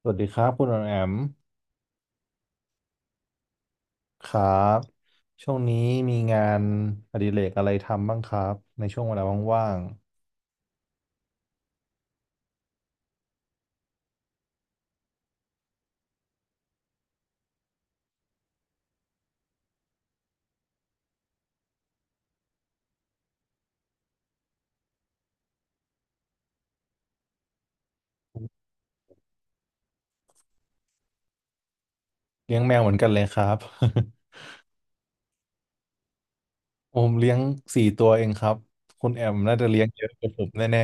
สวัสดีครับคุณออมแอมครับช่วงนี้มีงานอดิเรกอะไรทำบ้างครับในช่วงเวลาว่างๆเลี้ยงแมวเหมือนกันเลยครับ ผมเลี้ยงสี่ตัวเองครับคุณแอมน่าจะเลี้ยงเยอะกว่าผมแน่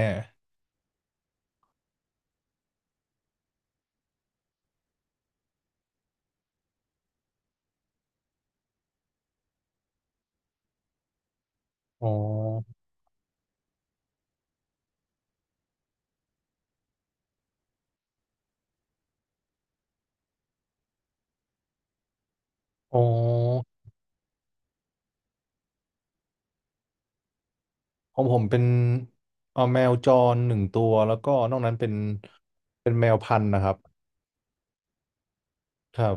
ๆอ๋ออ๋อของผมเป็นเอาแมวจรหนึ่งตัวแล้วก็นอกนั้นเป็นแมวพันธุ์นะครับครับ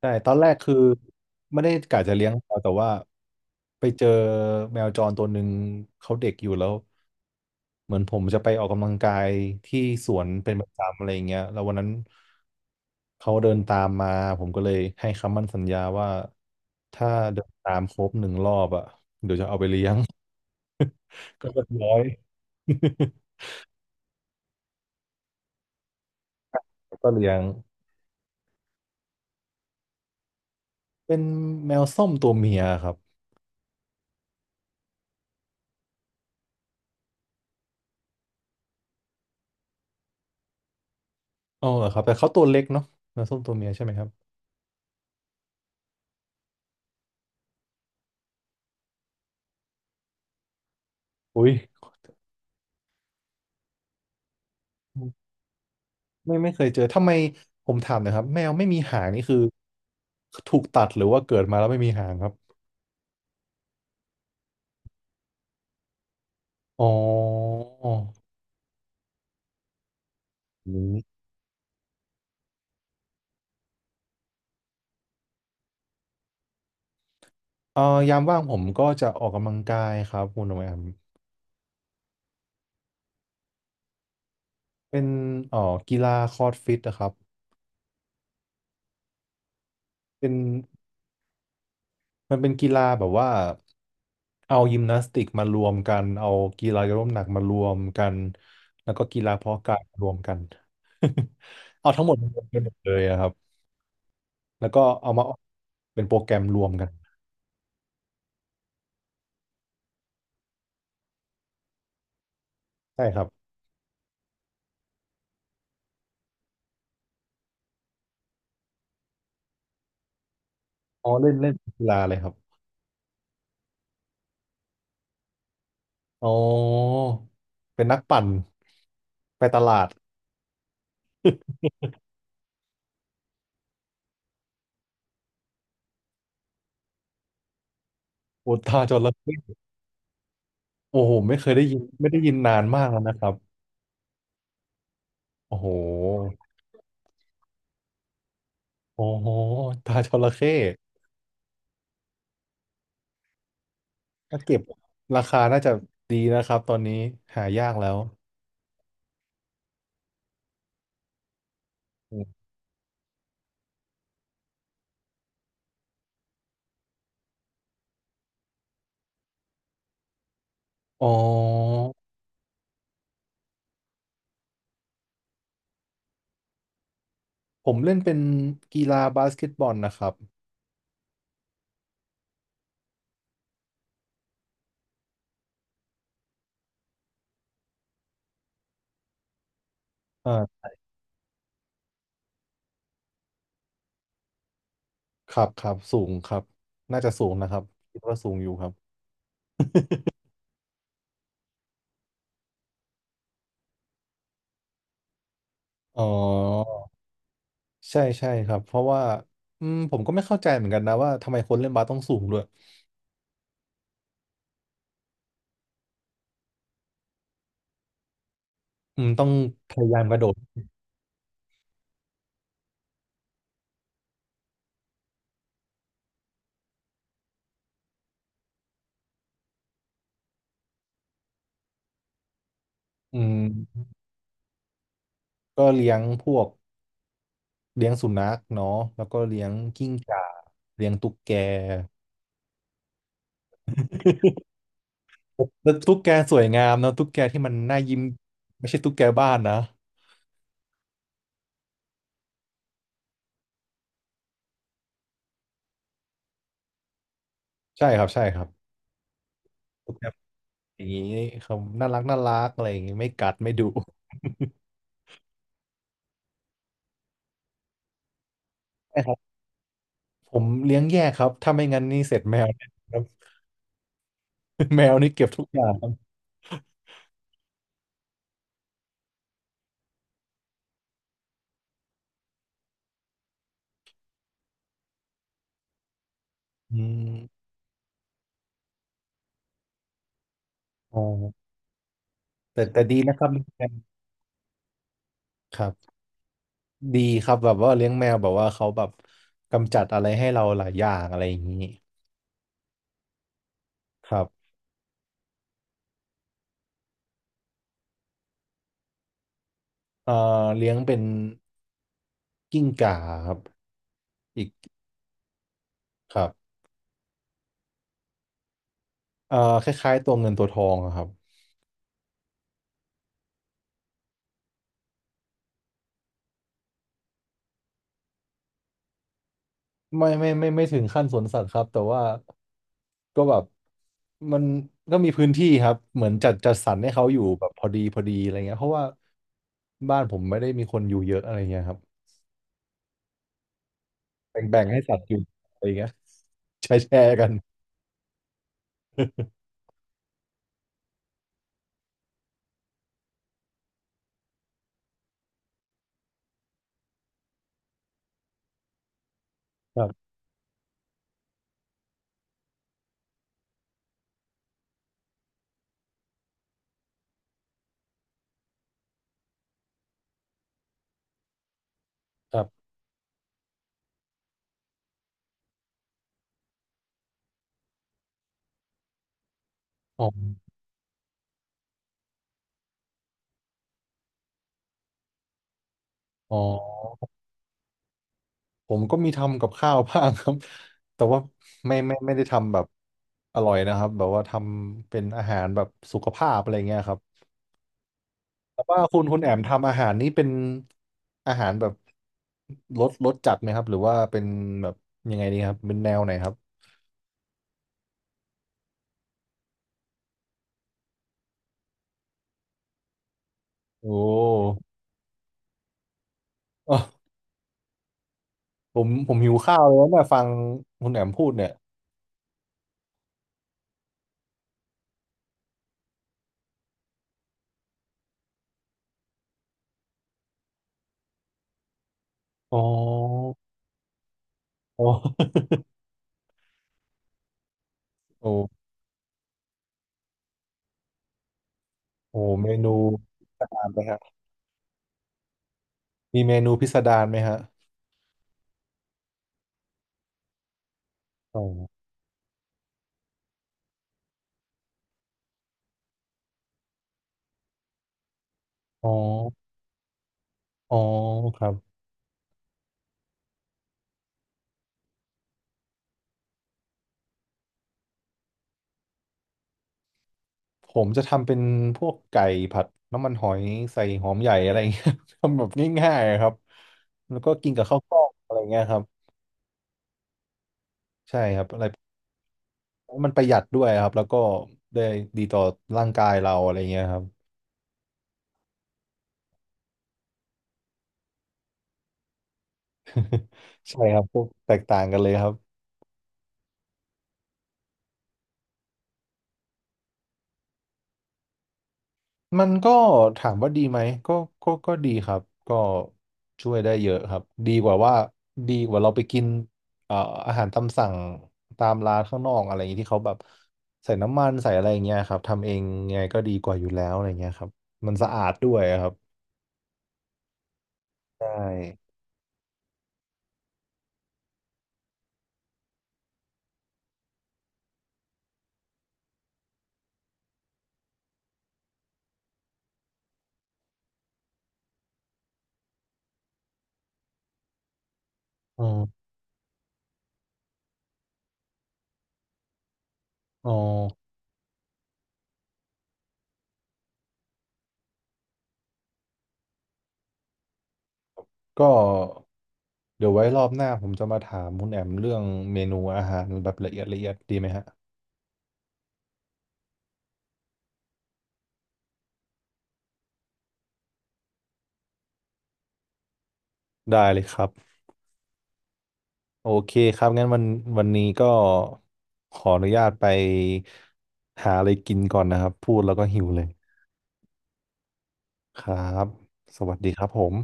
ใช่ตอนแรกคือไม่ได้กะจะเลี้ยงแมวแต่ว่าไปเจอแมวจรตัวหนึ่งเขาเด็กอยู่แล้ว เหมือนผมจะไปออกกำลังกายที่สวนเป็นประจำอะไรอย่างเงี้ยแล้ววันนั้นเขาเดินตามมาผมก็เลยให้คำมั่นสัญญาว่าถ้าเดินตามครบหนึ่งรอบอ่ะ ก็เรียบร้อย ก็เลี้ยงเป็นแมวส้มตัวเมียครับอ๋อเหรอครับแต่เขาตัวเล็กเนาะแมวส้มตัวเมียใช่ไหมครับอุ้ยไม่เคยเจอทำไมผมถามหนะครับแมวไม่มีหางนี่คือถูกตัดหรือว่าเกิดมาแล้วไม่มีหางครับอ๋อ เอ่อยามว่างผมก็จะออกกำลังกายครับคุณโอแอมเป็นเอ่อกีฬาคอร์ดฟิตนะครับเป็นมันเป็นกีฬาแบบว่าเอายิมนาสติกมารวมกันเอากีฬายกน้ำหนักมารวมกันแล้วก็กีฬาเพาะกายมารวมกัน เอาทั้งหมดมารวมกันหมดเลยอะครับแล้วก็เอามาออกเป็นโปรแกรมรวมกันใช่ครับอ๋อเล่นเล่นกีฬาเลยครับอ๋อเป็นนักปั่นไปตลาดอุตตาจระเข้ โอ้โหไม่เคยได้ยินไม่ได้ยินนานมากแล้วนะครับโอ้โหโอ้โหตาจระเข้ถ้าเก็บราคาน่าจะดีนะครับตอนนี้หายากแล้วอมอ๋อผมเล่นเป็นกีฬาบาสเกตบอลนะครับอ่าครับครับสูงครับน่าจะสูงนะครับคิดว่าสูงอยู่ครับอ๋อใช่ใช่ครับเพราะว่าอืมผมก็ไม่เข้าใจเหมือนกันนะว่าทำไมคนเล่นบาสต้องสูงด้วยอืมต้องพยายามกระโดดอืมก็เลี้ยงพวก เลี้ยงสุนัขเนาะแล้วก็เลี้ยงกิ้งก่าเลี้ยงตุ๊กแก แล้วตุ๊กแกสวยงามนะตุ๊กแกที่มันน่ายิ้มไม่ใช่ตุ๊กแกบ้านนะใช่ครับใช่ครับตุ๊กแกอย่างนี้เขาน่ารักน่ารักอะไรอย่างนี้ไม่กัดไม่ดุใช่ครับ ผมเลี้ยงแยกครับถ้าไม่งั้นนี่เสร็จแมว แน่ครับ แมวนี่เก็บทุกอย่างครับอืมอ๋อแต่ดีนะครับเลี้ยงแมวครับดีครับแบบว่าเลี้ยงแมวแบบว่าเขาแบบกำจัดอะไรให้เราหลายอย่างอะไรอย่างนี้ครับ เอ่อเลี้ยงเป็นกิ้งก่าครับอีกครับเอ่อคล้ายๆตัวเงินตัวทองอะครับไม่ถึงขั้นสวนสัตว์ครับแต่ว่าก็แบบมันก็มีพื้นที่ครับเหมือนจัดสรรให้เขาอยู่แบบพอดีพอดีอะไรเงี้ยเพราะว่าบ้านผมไม่ได้มีคนอยู่เยอะอะไรเงี้ยครับแบ่งให้สัตว์อยู่อะไรเงี้ยแชร์กันครับครับอ๋ออ๋อ ผมก็มีทำกับข้าวบ้างครับ แต่ว่าไม่ได้ทำแบบอร่อยนะครับแบบว่าทำเป็นอาหารแบบสุขภาพอะไรเงี้ยครับแต่ว่าคุณแอมทำอาหารนี้เป็นอาหารแบบรสจัดไหมครับหรือว่าเป็นแบบยังไงดีครับเป็นแนวไหนครับโอ้ อ๋อผมหิวข้าวแล้วเนี่ยฟังคุณแอมพูดเนี่ยอ๋ออ๋อ โอ้โอ้เมนูตามไปครับมีเมนูพิสดารไหมฮะอ๋ออ๋ออ๋อครับ ผมจะทำเป็นพวกไก่ผัดน้ำมันหอยใส่หอมใหญ่อะไรเงี้ย ทำแบบง่ายๆอะครับแล้วก็กินกับข้าวกล้องอะไรเงี้ยครับใช่ครับอะไรมันประหยัดด้วยครับแล้วก็ได้ดีต่อร่างกายเราอะไรเงี้ยครับใช่ครับพวกแตกต่างกันเลยครับ มันก็ถามว่าดีไหมก็ดีครับก็ช่วยได้เยอะครับดีกว่าว่าดีกว่าเราไปกินเอ่ออาหารตามสั่งตามร้านข้างนอกอะไรอย่างนี้ที่เขาแบบใส่น้ำมันใส่อะไรอย่างเงี้ยครับทำเองไงก็ดีกว่าอยู่แล้วอะไรเงี้ยครับมันสะอาดด้วยครับใช่อ๋ออ๋อก็เดี๋ยวไว้รอบหน้าผมจะมาถามคุณแอมเรื่องเมนูอาหารแบบละเอียดละเอียดดีไหมฮะได้เลยครับ โอเคครับงั้นวันนี้ก็ขออนุญาตไปหาอะไรกินก่อนนะครับพูดแล้วก็หิวเลยครับสวัสดีครับผม